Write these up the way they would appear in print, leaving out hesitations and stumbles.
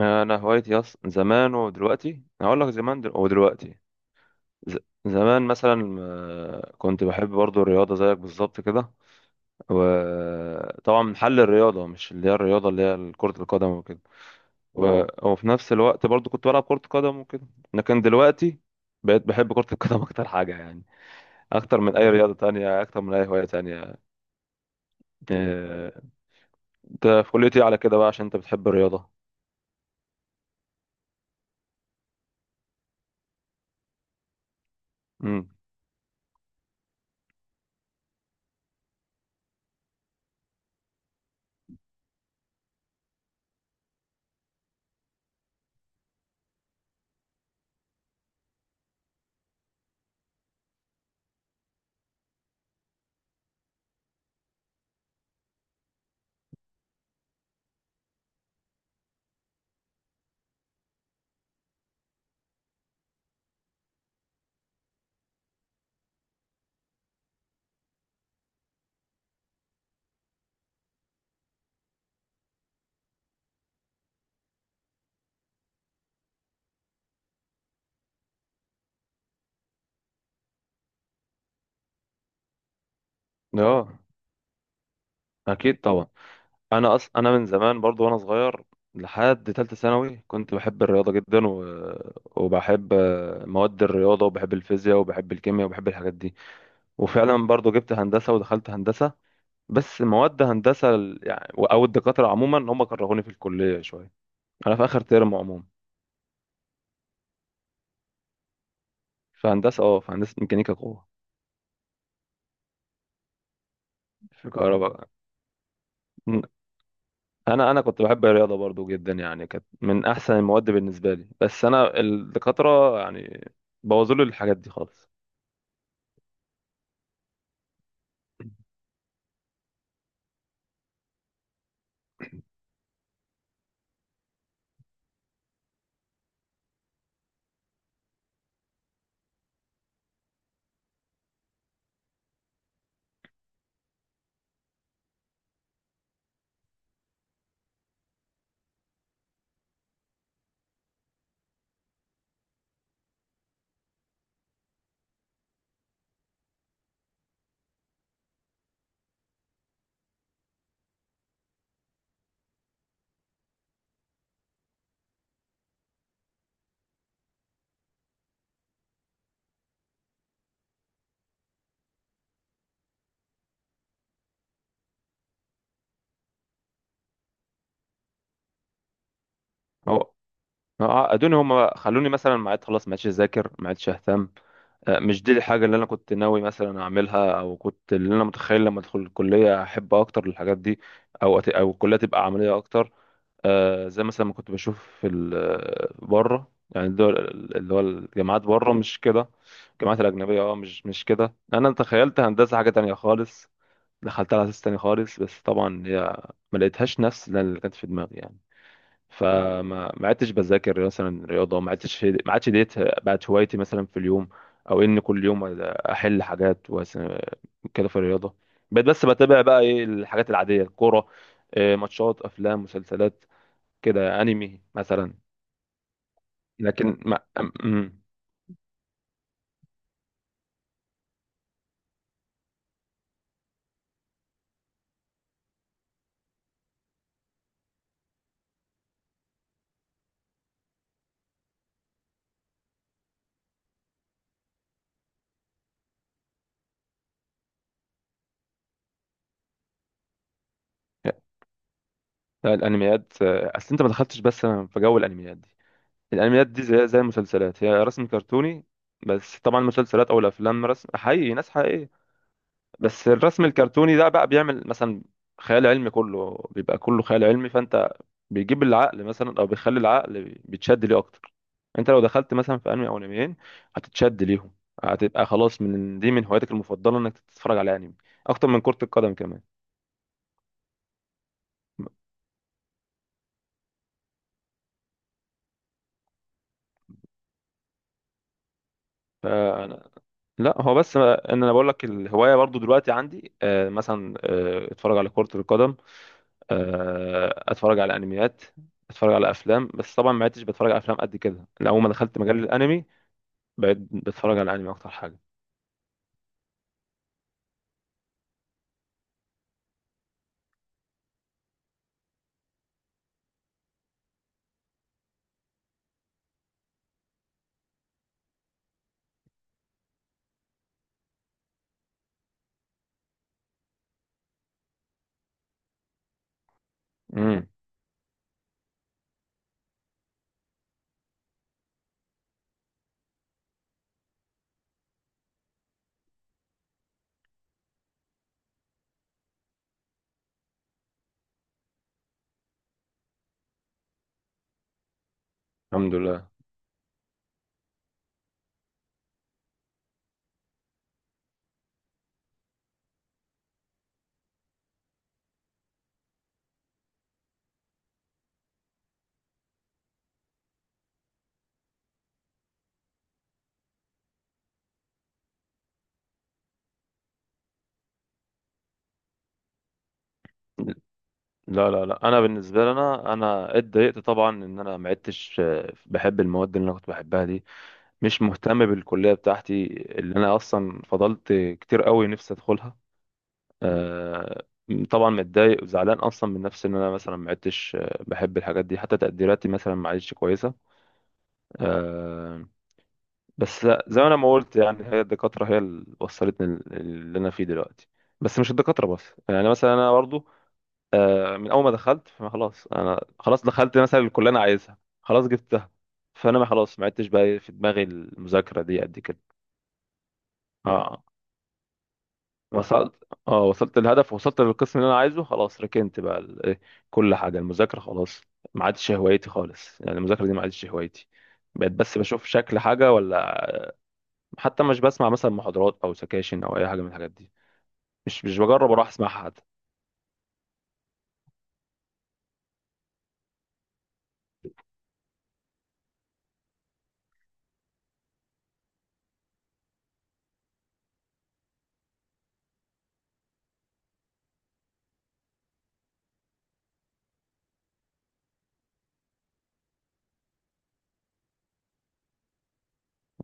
انا هوايتي زمان ودلوقتي. أنا هقول لك زمان ودلوقتي. ز... زمان مثلا، كنت بحب برضو الرياضه زيك بالظبط كده، وطبعا من حل الرياضه مش اللي هي الرياضه اللي هي كره القدم وكده. و... اه وفي نفس الوقت برضو كنت بلعب كره قدم وكده. لكن دلوقتي بقيت بحب كره القدم اكتر حاجه يعني، اكتر من اي رياضه تانية، اكتر من اي هوايه تانية. ايوه، ايوه، آه، انت في كليتي على كده بقى عشان انت بتحب الرياضه. امم، اه اكيد طبعا. انا انا من زمان برضو وانا صغير لحد تالتة ثانوي كنت بحب الرياضة جدا، وبحب مواد الرياضة، وبحب الفيزياء، وبحب الكيمياء، وبحب الحاجات دي. وفعلا برضو جبت هندسة ودخلت هندسة، بس مواد هندسة يعني او الدكاترة عموما هم كرهوني في الكلية شوية. انا في اخر ترم عموما. في هندسة، اه في هندسة ميكانيكا قوة. في كهرباء. انا كنت بحب الرياضة برضو جدا يعني، كانت من احسن المواد بالنسبة لي، بس انا الدكاترة يعني بوظوا لي الحاجات دي خالص. هو هو عقدوني، هم خلوني مثلا ما عاد خلاص، ما عادش اذاكر، ما عادش اهتم. مش دي الحاجه اللي انا كنت ناوي مثلا اعملها، او كنت اللي انا متخيل لما ادخل الكليه احب اكتر الحاجات دي، او او الكليه تبقى عمليه اكتر. زي مثلا ما كنت بشوف في بره يعني الدول، اللي هو الجامعات بره مش كده. الجامعات الاجنبيه اه، مش كده، انا تخيلت هندسه حاجه تانية خالص، دخلتها على اساس تاني خالص. بس طبعا هي ما لقيتهاش نفس اللي كانت في دماغي يعني. فما ما عدتش بذاكر مثلا رياضه، ما عدتش، ما عادش ديت بقت هوايتي مثلا في اليوم، او ان كل يوم احل حاجات كده في الرياضه. بقيت بس بتابع بقى ايه الحاجات العاديه، الكوره، ماتشات، افلام، مسلسلات كده، انمي مثلا. لكن ما أم- أمم، لا، الانميات اصل انت ما دخلتش بس في جو الانميات دي. الانميات دي زي المسلسلات، هي رسم كرتوني، بس طبعا المسلسلات او الافلام رسم حقيقي، ناس حقيقيه. بس الرسم الكرتوني ده بقى بيعمل مثلا خيال علمي، كله بيبقى كله خيال علمي، فانت بيجيب العقل مثلا او بيخلي العقل بيتشد ليه اكتر. انت لو دخلت مثلا في انمي او انميين هتتشد ليهم، هتبقى خلاص من دي من هواياتك المفضله انك تتفرج على انمي اكتر من كره القدم كمان. فأنا لا، هو بس ان انا بقول لك الهوايه برضو دلوقتي عندي، مثلا اتفرج على كره القدم، اتفرج على انميات، اتفرج على افلام. بس طبعا ما عدتش بتفرج على افلام قد كده، لأول ما دخلت مجال الانمي بقيت بتفرج على الانمي اكتر حاجه. امم، الحمد لله. لا لا لا، انا بالنسبه لي انا اتضايقت طبعا ان انا ما عدتش بحب المواد اللي انا كنت بحبها دي. مش مهتم بالكليه بتاعتي اللي انا اصلا فضلت كتير قوي نفسي ادخلها. آه، طبعا متضايق وزعلان اصلا من نفسي ان انا مثلا ما عدتش بحب الحاجات دي، حتى تقديراتي مثلا ما عادتش كويسه. آه، بس زي ما انا ما قلت يعني، هي الدكاتره هي اللي وصلتني اللي انا فيه دلوقتي. بس مش الدكاتره بس يعني، مثلا انا برضو من اول ما دخلت فما خلاص، انا خلاص دخلت مثلا الكليه اللي انا عايزها، خلاص جبتها، فانا ما خلاص ما عدتش بقى إيه في دماغي المذاكره دي قد كده. اه وصلت، اه وصلت للهدف، وصلت للقسم اللي انا عايزه خلاص، ركنت بقى ال- إيه، كل حاجه، المذاكره خلاص ما عادش هوايتي خالص، يعني المذاكره دي ما عادش هوايتي. بقيت بس بشوف شكل حاجه ولا، حتى مش بسمع مثلا محاضرات او سكاشن او اي حاجه من الحاجات دي، مش بجرب اروح اسمعها حتى.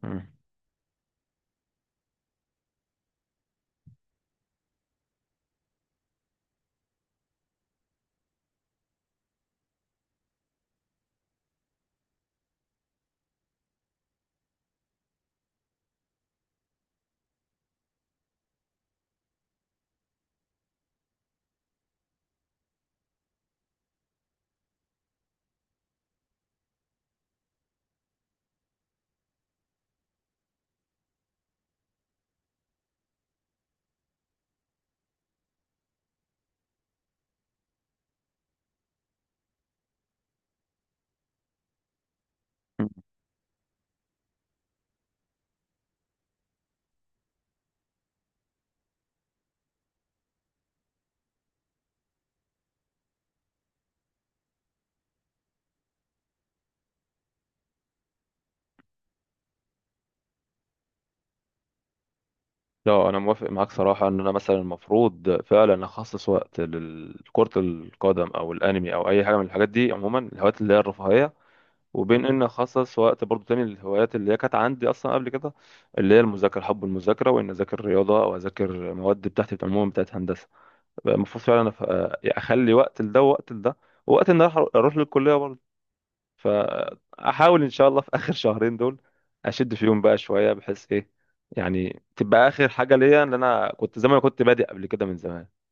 مم. مم. لا، انا موافق معاك صراحه ان انا مثلا المفروض فعلا اخصص وقت لكره القدم او الانمي او اي حاجه من الحاجات دي عموما، الهوايات اللي هي الرفاهيه، وبين ان اخصص وقت برضو تاني للهوايات اللي هي كانت عندي اصلا قبل كده، اللي هي المذاكره، حب المذاكره، وان اذاكر رياضه او اذاكر مواد بتاعتي عموما بتاعت هندسه. المفروض فعلا اخلي وقت لده ووقت لده، ووقت ان أنا اروح للكليه برضو. فاحاول ان شاء الله في اخر 2 شهرين دول اشد فيهم بقى شويه، بحيث ايه يعني، تبقى اخر حاجه ليا ان انا كنت زي ما انا كنت بادئ قبل كده من زمان